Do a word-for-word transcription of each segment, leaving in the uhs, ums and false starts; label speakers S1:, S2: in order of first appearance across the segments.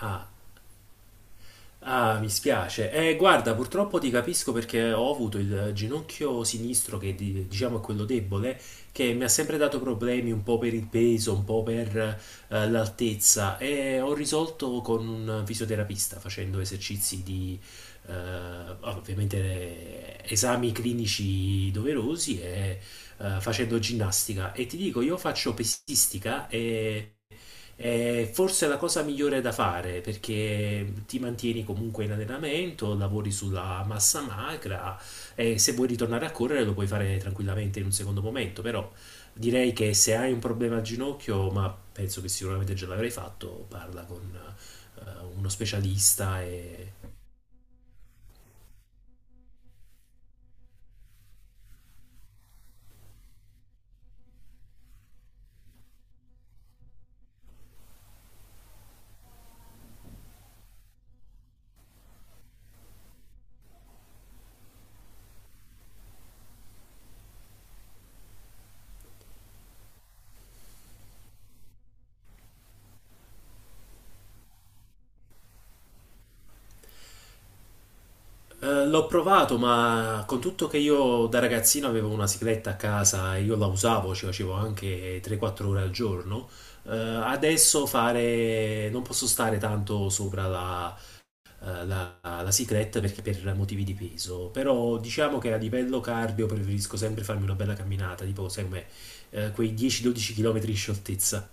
S1: Ah, ah, mi spiace. Eh, guarda, purtroppo ti capisco perché ho avuto il ginocchio sinistro, che di- diciamo è quello debole, che mi ha sempre dato problemi un po' per il peso, un po' per eh, l'altezza e ho risolto con un fisioterapista facendo esercizi di, eh, ovviamente, eh, esami clinici doverosi e eh, facendo ginnastica. E ti dico, io faccio pesistica e è forse la cosa migliore da fare perché ti mantieni comunque in allenamento, lavori sulla massa magra e se vuoi ritornare a correre lo puoi fare tranquillamente in un secondo momento, però direi che se hai un problema al ginocchio, ma penso che sicuramente già l'avrai fatto, parla con eh, uno specialista e Eh, l'ho provato, ma con tutto che io da ragazzino avevo una sigletta a casa e io la usavo, ci facevo anche tre quattro ore al giorno. Eh, adesso fare non posso stare tanto sopra la, eh, la, la sigletta perché per motivi di peso. Però diciamo che a livello cardio preferisco sempre farmi una bella camminata, tipo, sai com'è, eh, quei dieci dodici km in scioltezza.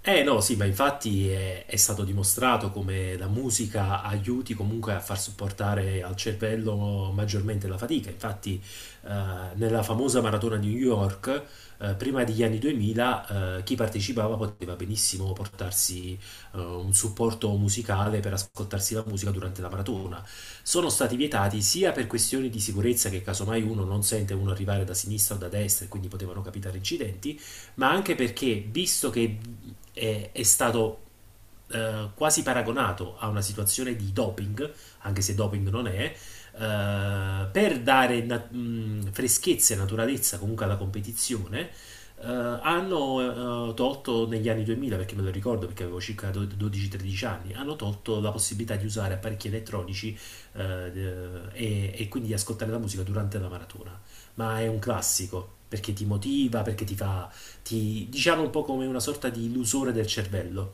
S1: Eh no, sì, ma infatti è, è stato dimostrato come la musica aiuti comunque a far supportare al cervello maggiormente la fatica. Infatti, eh, nella famosa maratona di New York, eh, prima degli anni duemila, eh, chi partecipava poteva benissimo portarsi eh, un supporto musicale per ascoltarsi la musica durante la maratona. Sono stati vietati sia per questioni di sicurezza che casomai uno non sente uno arrivare da sinistra o da destra e quindi potevano capitare incidenti, ma anche perché, visto che è, è stato eh, quasi paragonato a una situazione di doping, anche se doping non è, eh, per dare na- mh, freschezza e naturalezza comunque alla competizione, eh, hanno eh, tolto negli anni duemila, perché me lo ricordo perché avevo circa do- dodici tredici anni, hanno tolto la possibilità di usare apparecchi elettronici eh, e, e quindi di ascoltare la musica durante la maratona. Ma è un classico perché ti motiva, perché ti fa ti diciamo un po' come una sorta di illusore del cervello.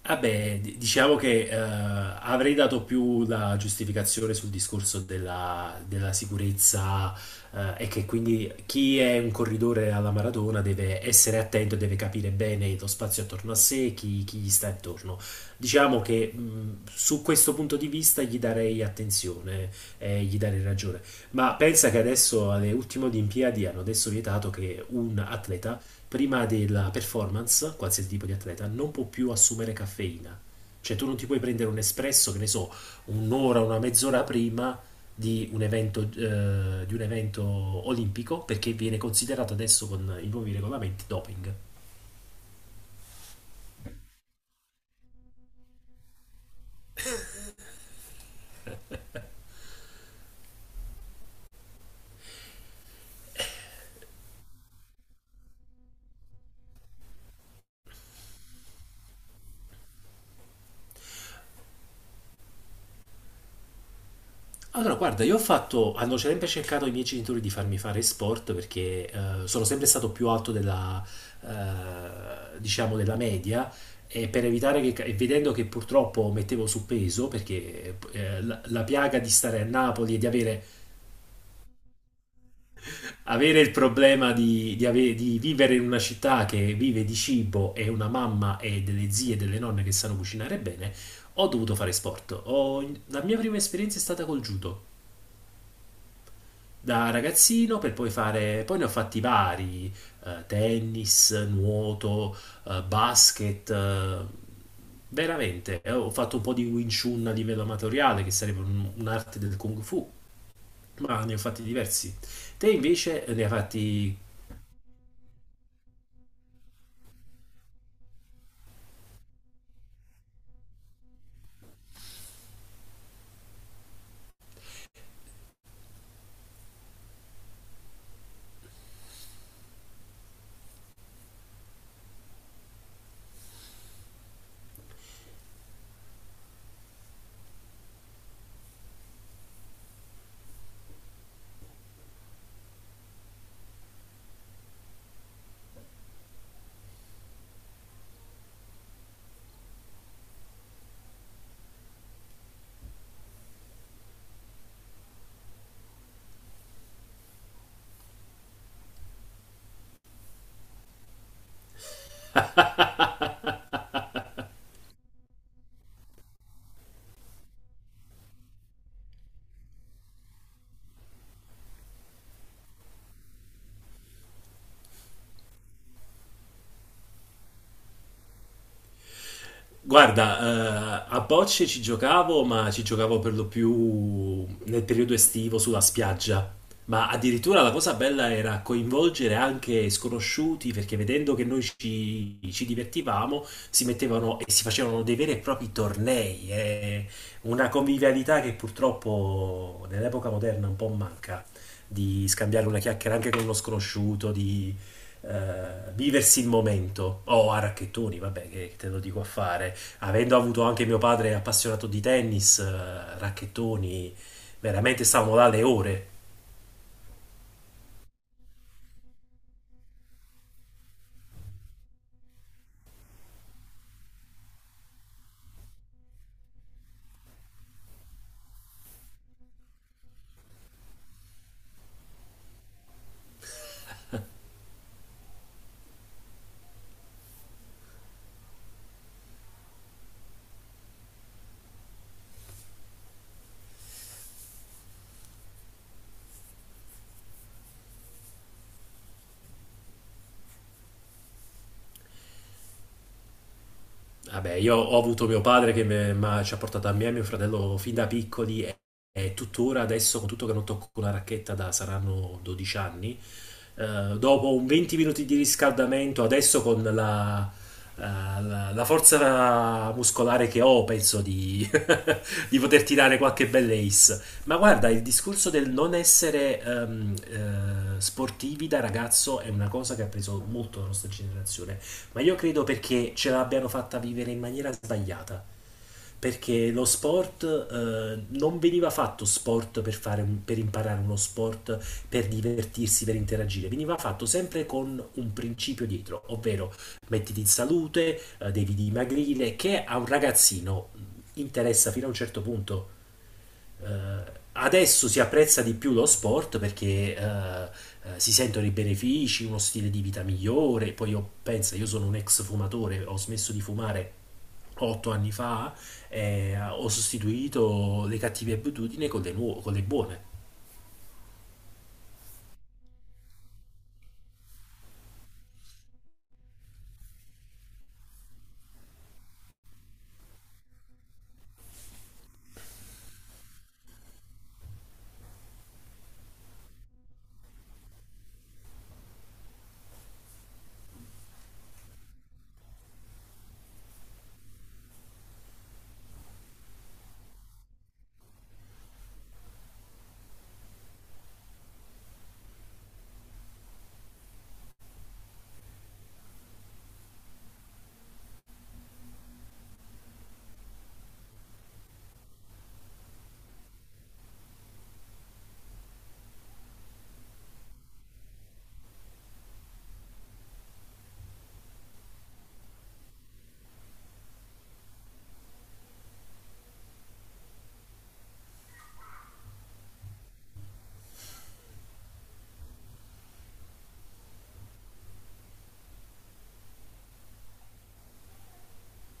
S1: Vabbè, d- diciamo che eh, avrei dato più la giustificazione sul discorso della, della sicurezza eh, e che quindi chi è un corridore alla maratona deve essere attento e deve capire bene lo spazio attorno a sé, chi, chi gli sta attorno. Diciamo che mh, su questo punto di vista gli darei attenzione e gli darei ragione. Ma pensa che adesso alle ultime Olimpiadi hanno adesso vietato che un atleta prima della performance, qualsiasi tipo di atleta, non può più assumere caffeina. Cioè tu non ti puoi prendere un espresso, che ne so, un'ora, una mezz'ora prima di un evento, eh, di un evento olimpico, perché viene considerato adesso con i nuovi regolamenti doping. Allora, guarda, io ho fatto, hanno sempre cercato i miei genitori di farmi fare sport perché eh, sono sempre stato più alto della, eh, diciamo, della media e per evitare che, e vedendo che purtroppo mettevo su peso, perché eh, la, la piaga di stare a Napoli e di avere, avere il problema di, di ave- di vivere in una città che vive di cibo e una mamma e delle zie e delle nonne che sanno cucinare bene, ho dovuto fare sport. Ho- la mia prima esperienza è stata col judo, da ragazzino, per poi fare, poi ne ho fatti vari, eh, tennis, nuoto, eh, basket, eh, veramente. Eh, ho fatto un po' di Wing Chun a livello amatoriale che sarebbe un- un'arte del Kung Fu, ma ne ho fatti diversi. Te invece eh, ne hai fatti. Guarda, eh, a bocce ci giocavo, ma ci giocavo per lo più nel periodo estivo sulla spiaggia. Ma addirittura la cosa bella era coinvolgere anche sconosciuti, perché vedendo che noi ci, ci divertivamo, si mettevano e si facevano dei veri e propri tornei. Eh. Una convivialità che purtroppo nell'epoca moderna un po' manca, di scambiare una chiacchiera anche con uno sconosciuto, di eh, viversi il momento. O a racchettoni, vabbè, che te lo dico a fare, avendo avuto anche mio padre appassionato di tennis, eh, racchettoni, veramente stavamo là le ore. Vabbè, io ho avuto mio padre che me- m'ha- ci ha portato a me e a mio fratello fin da piccoli e, e tuttora adesso, con tutto che non tocco una racchetta da saranno dodici anni, eh, dopo un venti minuti di riscaldamento, adesso con la, eh, la- la forza muscolare che ho, penso di di poter tirare qualche bella ace. Ma guarda, il discorso del non essere ehm, eh, sportivi da ragazzo è una cosa che ha preso molto la nostra generazione, ma io credo perché ce l'abbiano fatta vivere in maniera sbagliata. Perché lo sport eh, non veniva fatto sport per fare un- per imparare uno sport, per divertirsi, per interagire, veniva fatto sempre con un principio dietro, ovvero mettiti in salute, eh, devi dimagrire, che a un ragazzino interessa fino a un certo punto. Eh, adesso si apprezza di più lo sport perché eh, eh, si sentono i benefici, uno stile di vita migliore. Poi io penso, io sono un ex fumatore, ho smesso di fumare otto anni fa, eh, ho sostituito le cattive abitudini con le, nuo- con le buone.